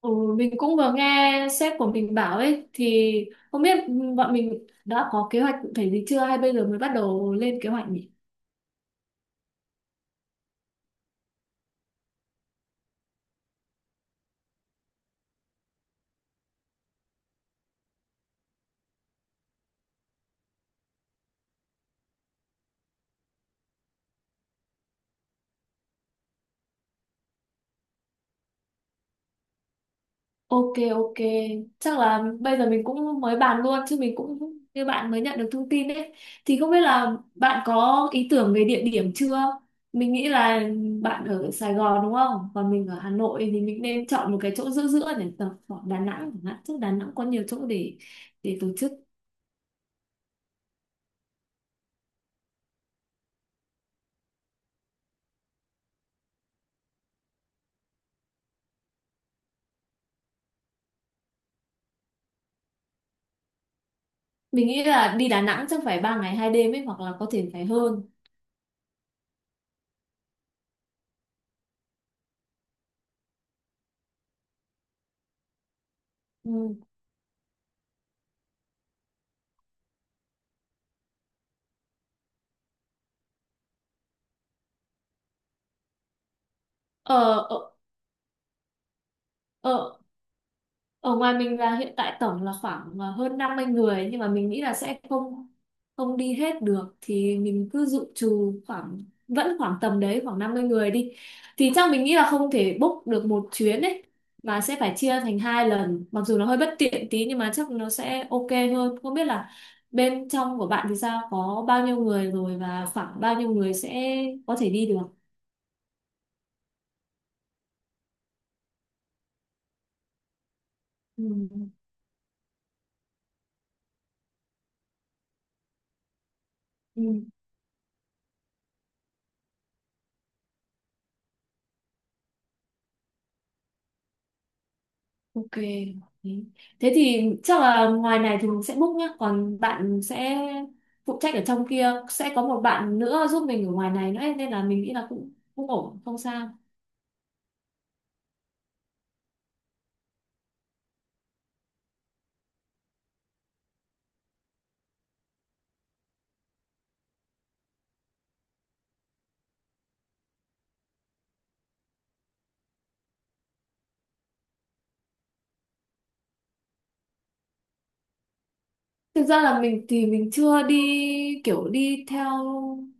Ừ, mình cũng vừa nghe sếp của mình bảo ấy thì không biết bọn mình đã có kế hoạch cụ thể gì chưa hay bây giờ mới bắt đầu lên kế hoạch nhỉ? Ok, ok, chắc là bây giờ mình cũng mới bàn luôn chứ mình cũng như bạn mới nhận được thông tin ấy thì không biết là bạn có ý tưởng về địa điểm chưa? Mình nghĩ là bạn ở Sài Gòn đúng không? Còn mình ở Hà Nội thì mình nên chọn một cái chỗ giữa giữa để tập khoảng Đà Nẵng chẳng hạn. Chứ Đà Nẵng có nhiều chỗ để tổ chức. Mình nghĩ là đi Đà Nẵng chắc phải 3 ngày 2 đêm ấy hoặc là có thể phải hơn. Ừ. Ở, ở, ở, ở ngoài mình là hiện tại tổng là khoảng hơn 50 người, nhưng mà mình nghĩ là sẽ không không đi hết được thì mình cứ dự trù khoảng vẫn khoảng tầm đấy khoảng 50 người đi. Thì chắc mình nghĩ là không thể book được một chuyến ấy mà sẽ phải chia thành 2 lần. Mặc dù nó hơi bất tiện tí nhưng mà chắc nó sẽ ok hơn. Không biết là bên trong của bạn thì sao? Có bao nhiêu người rồi và khoảng bao nhiêu người sẽ có thể đi được? Ừ, ừ, ok. Thế Thế thì chắc là ngoài này thì mình sẽ book nhá, còn bạn sẽ phụ trách ở trong kia, sẽ có một bạn nữa giúp mình ở ngoài này nữa nên là mình nghĩ là cũng cũng ổn, không sao. Thực ra là mình thì mình chưa đi kiểu đi theo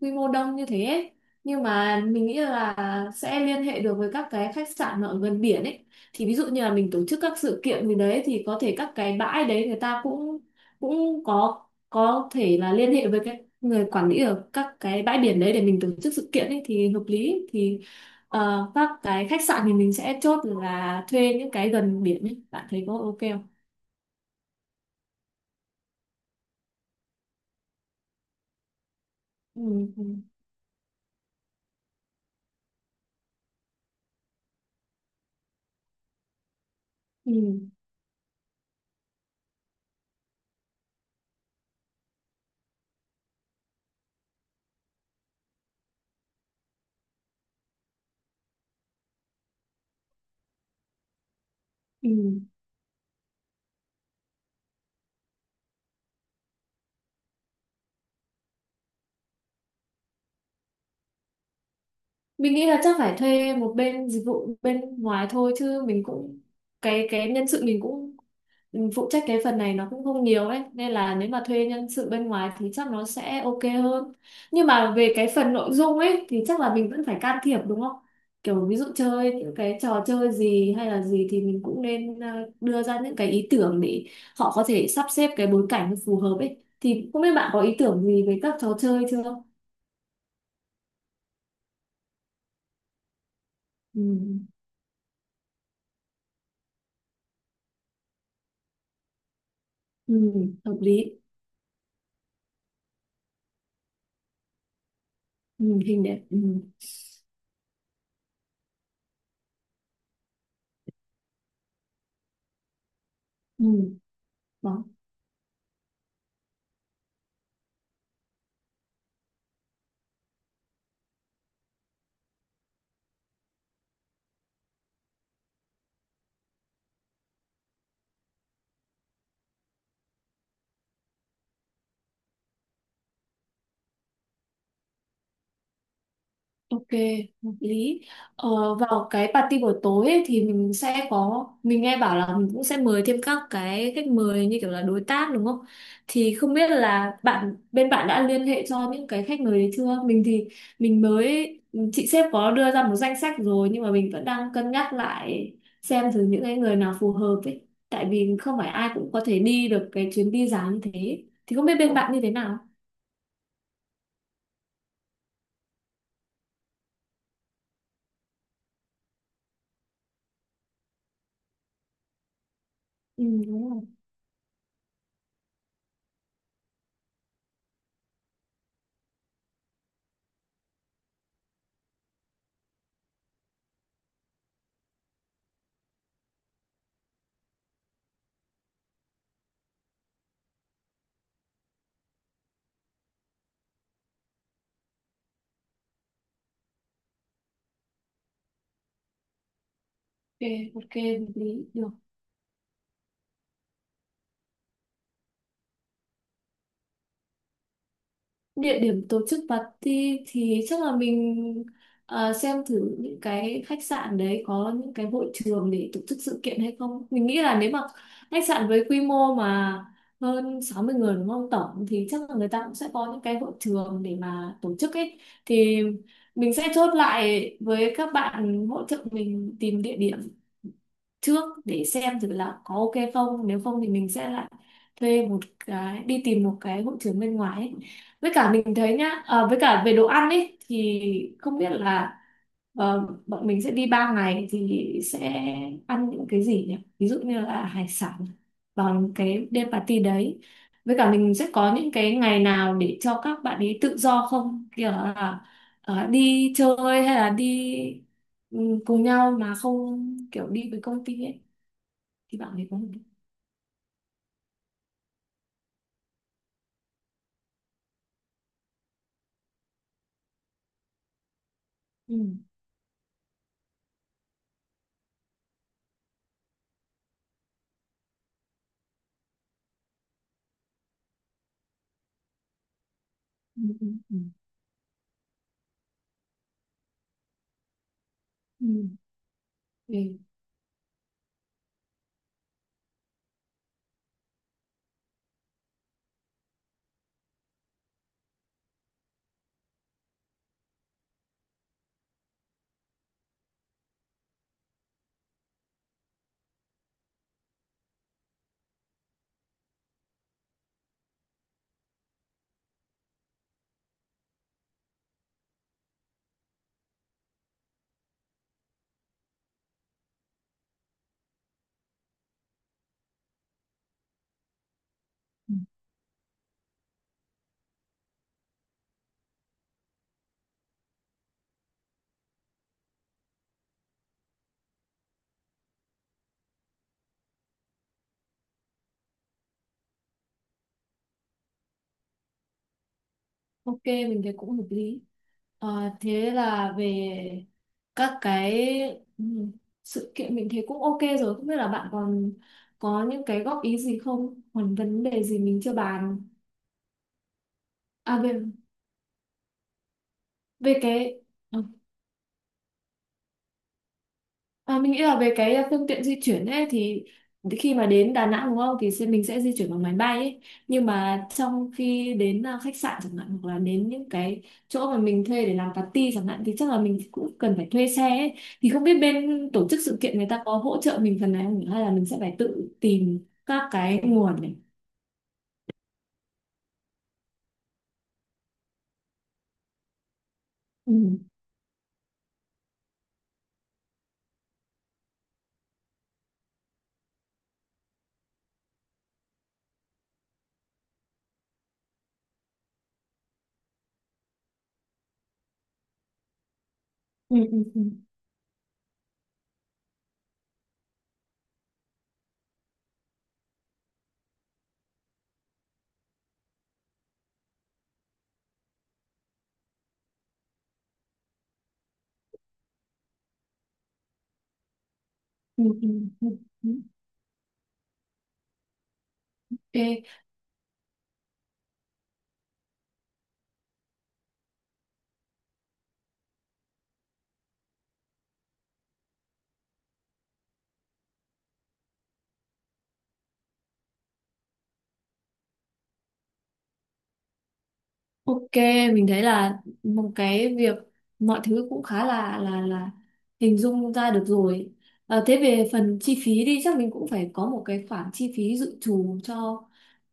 quy mô đông như thế ấy. Nhưng mà mình nghĩ là sẽ liên hệ được với các cái khách sạn mà ở gần biển ấy. Thì ví dụ như là mình tổ chức các sự kiện gì đấy thì có thể các cái bãi đấy người ta cũng cũng có thể là liên hệ với cái người quản lý ở các cái bãi biển đấy để mình tổ chức sự kiện ấy thì hợp lý. Thì các cái khách sạn thì mình sẽ chốt là thuê những cái gần biển ấy. Bạn thấy có ok không? Ừ. Ừ. Ừ. Ừ. Mình nghĩ là chắc phải thuê một bên dịch vụ bên ngoài thôi chứ mình cũng cái nhân sự mình cũng phụ trách cái phần này nó cũng không nhiều ấy nên là nếu mà thuê nhân sự bên ngoài thì chắc nó sẽ ok hơn, nhưng mà về cái phần nội dung ấy thì chắc là mình vẫn phải can thiệp đúng không, kiểu ví dụ chơi những cái trò chơi gì hay là gì thì mình cũng nên đưa ra những cái ý tưởng để họ có thể sắp xếp cái bối cảnh nó phù hợp ấy, thì không biết bạn có ý tưởng gì về các trò chơi chưa? Ừ, ừ, hợp lý. Ừ, hình đẹp, ừ. Ừ. Đó. Ok, hợp lý. Vào cái party buổi tối ấy, thì mình sẽ có, mình nghe bảo là mình cũng sẽ mời thêm các cái khách mời như kiểu là đối tác đúng không, thì không biết là bạn bên bạn đã liên hệ cho những cái khách mời đấy chưa, mình thì mình mới, chị sếp có đưa ra một danh sách rồi nhưng mà mình vẫn đang cân nhắc lại xem thử những cái người nào phù hợp ấy, tại vì không phải ai cũng có thể đi được cái chuyến đi dài như thế, thì không biết bên bạn như thế nào. Ừ, đúng rồi. Ok, ok, hợp lý được. Địa điểm tổ chức party thì chắc là mình xem thử những cái khách sạn đấy có những cái hội trường để tổ chức sự kiện hay không. Mình nghĩ là nếu mà khách sạn với quy mô mà hơn 60 người đúng không tổng, thì chắc là người ta cũng sẽ có những cái hội trường để mà tổ chức ấy. Thì mình sẽ chốt lại với các bạn hỗ trợ mình tìm địa điểm trước để xem thử là có ok không, nếu không thì mình sẽ lại thuê một cái, đi tìm một cái hội trường bên ngoài ấy. Với cả mình thấy nhá, với cả về đồ ăn ấy thì không biết là bọn mình sẽ đi 3 ngày thì sẽ ăn những cái gì nhỉ, ví dụ như là hải sản vào cái đêm party đấy, với cả mình sẽ có những cái ngày nào để cho các bạn ấy tự do không, kiểu là đi chơi hay là đi, ừ, cùng nhau mà không kiểu đi với công ty ấy, thì bạn ấy có hợp lý? Ừ. Ừ, ừ, ừ. Ừ. Ừ. Ok, mình thấy cũng hợp lý. Ờ, thế là về các cái, ừ, sự kiện mình thấy cũng ok rồi, không biết là bạn còn có những cái góp ý gì không, còn vấn đề gì mình chưa bàn à về về cái ờ, À, mình nghĩ là về cái phương tiện di chuyển ấy thì khi mà đến Đà Nẵng đúng không thì mình sẽ di chuyển bằng máy bay ấy, nhưng mà trong khi đến khách sạn chẳng hạn hoặc là đến những cái chỗ mà mình thuê để làm party chẳng hạn thì chắc là mình cũng cần phải thuê xe ấy. Thì không biết bên tổ chức sự kiện người ta có hỗ trợ mình phần này không nhỉ? Hay là mình sẽ phải tự tìm các cái nguồn này. Ừ. Ừ, ừ, ừ, ừ, ừ, ừ. Ok. Ok, mình thấy là một cái việc, mọi thứ cũng khá là hình dung ra được rồi. Ờ, thế về phần chi phí đi, chắc mình cũng phải có một cái khoản chi phí dự trù cho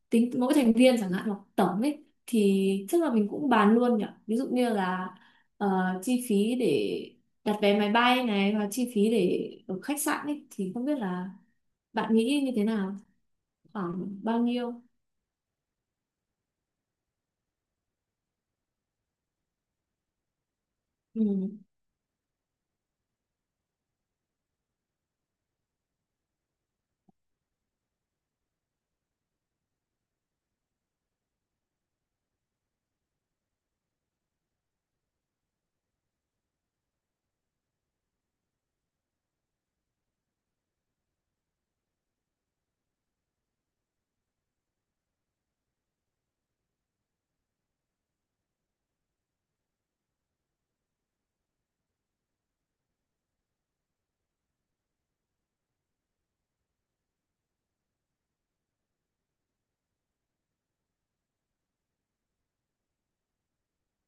tính mỗi thành viên chẳng hạn hoặc tổng ấy, thì chắc là mình cũng bàn luôn nhỉ. Ví dụ như là ờ, chi phí để đặt vé máy bay này và chi phí để ở khách sạn ấy, thì không biết là bạn nghĩ như thế nào, khoảng bao nhiêu? Ừ.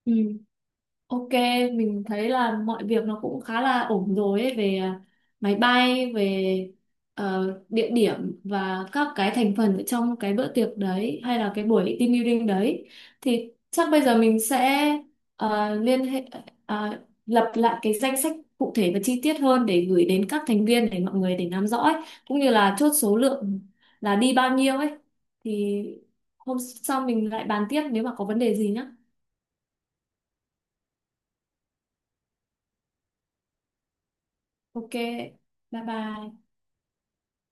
Ừ. Ok, mình thấy là mọi việc nó cũng khá là ổn rồi ấy, về máy bay, về địa điểm và các cái thành phần ở trong cái bữa tiệc đấy hay là cái buổi team building đấy. Thì chắc bây giờ mình sẽ liên hệ, à, lập lại cái danh sách cụ thể và chi tiết hơn để gửi đến các thành viên để mọi người để nắm rõ ấy, cũng như là chốt số lượng là đi bao nhiêu ấy. Thì hôm sau mình lại bàn tiếp nếu mà có vấn đề gì nhá. Ok, bye bye.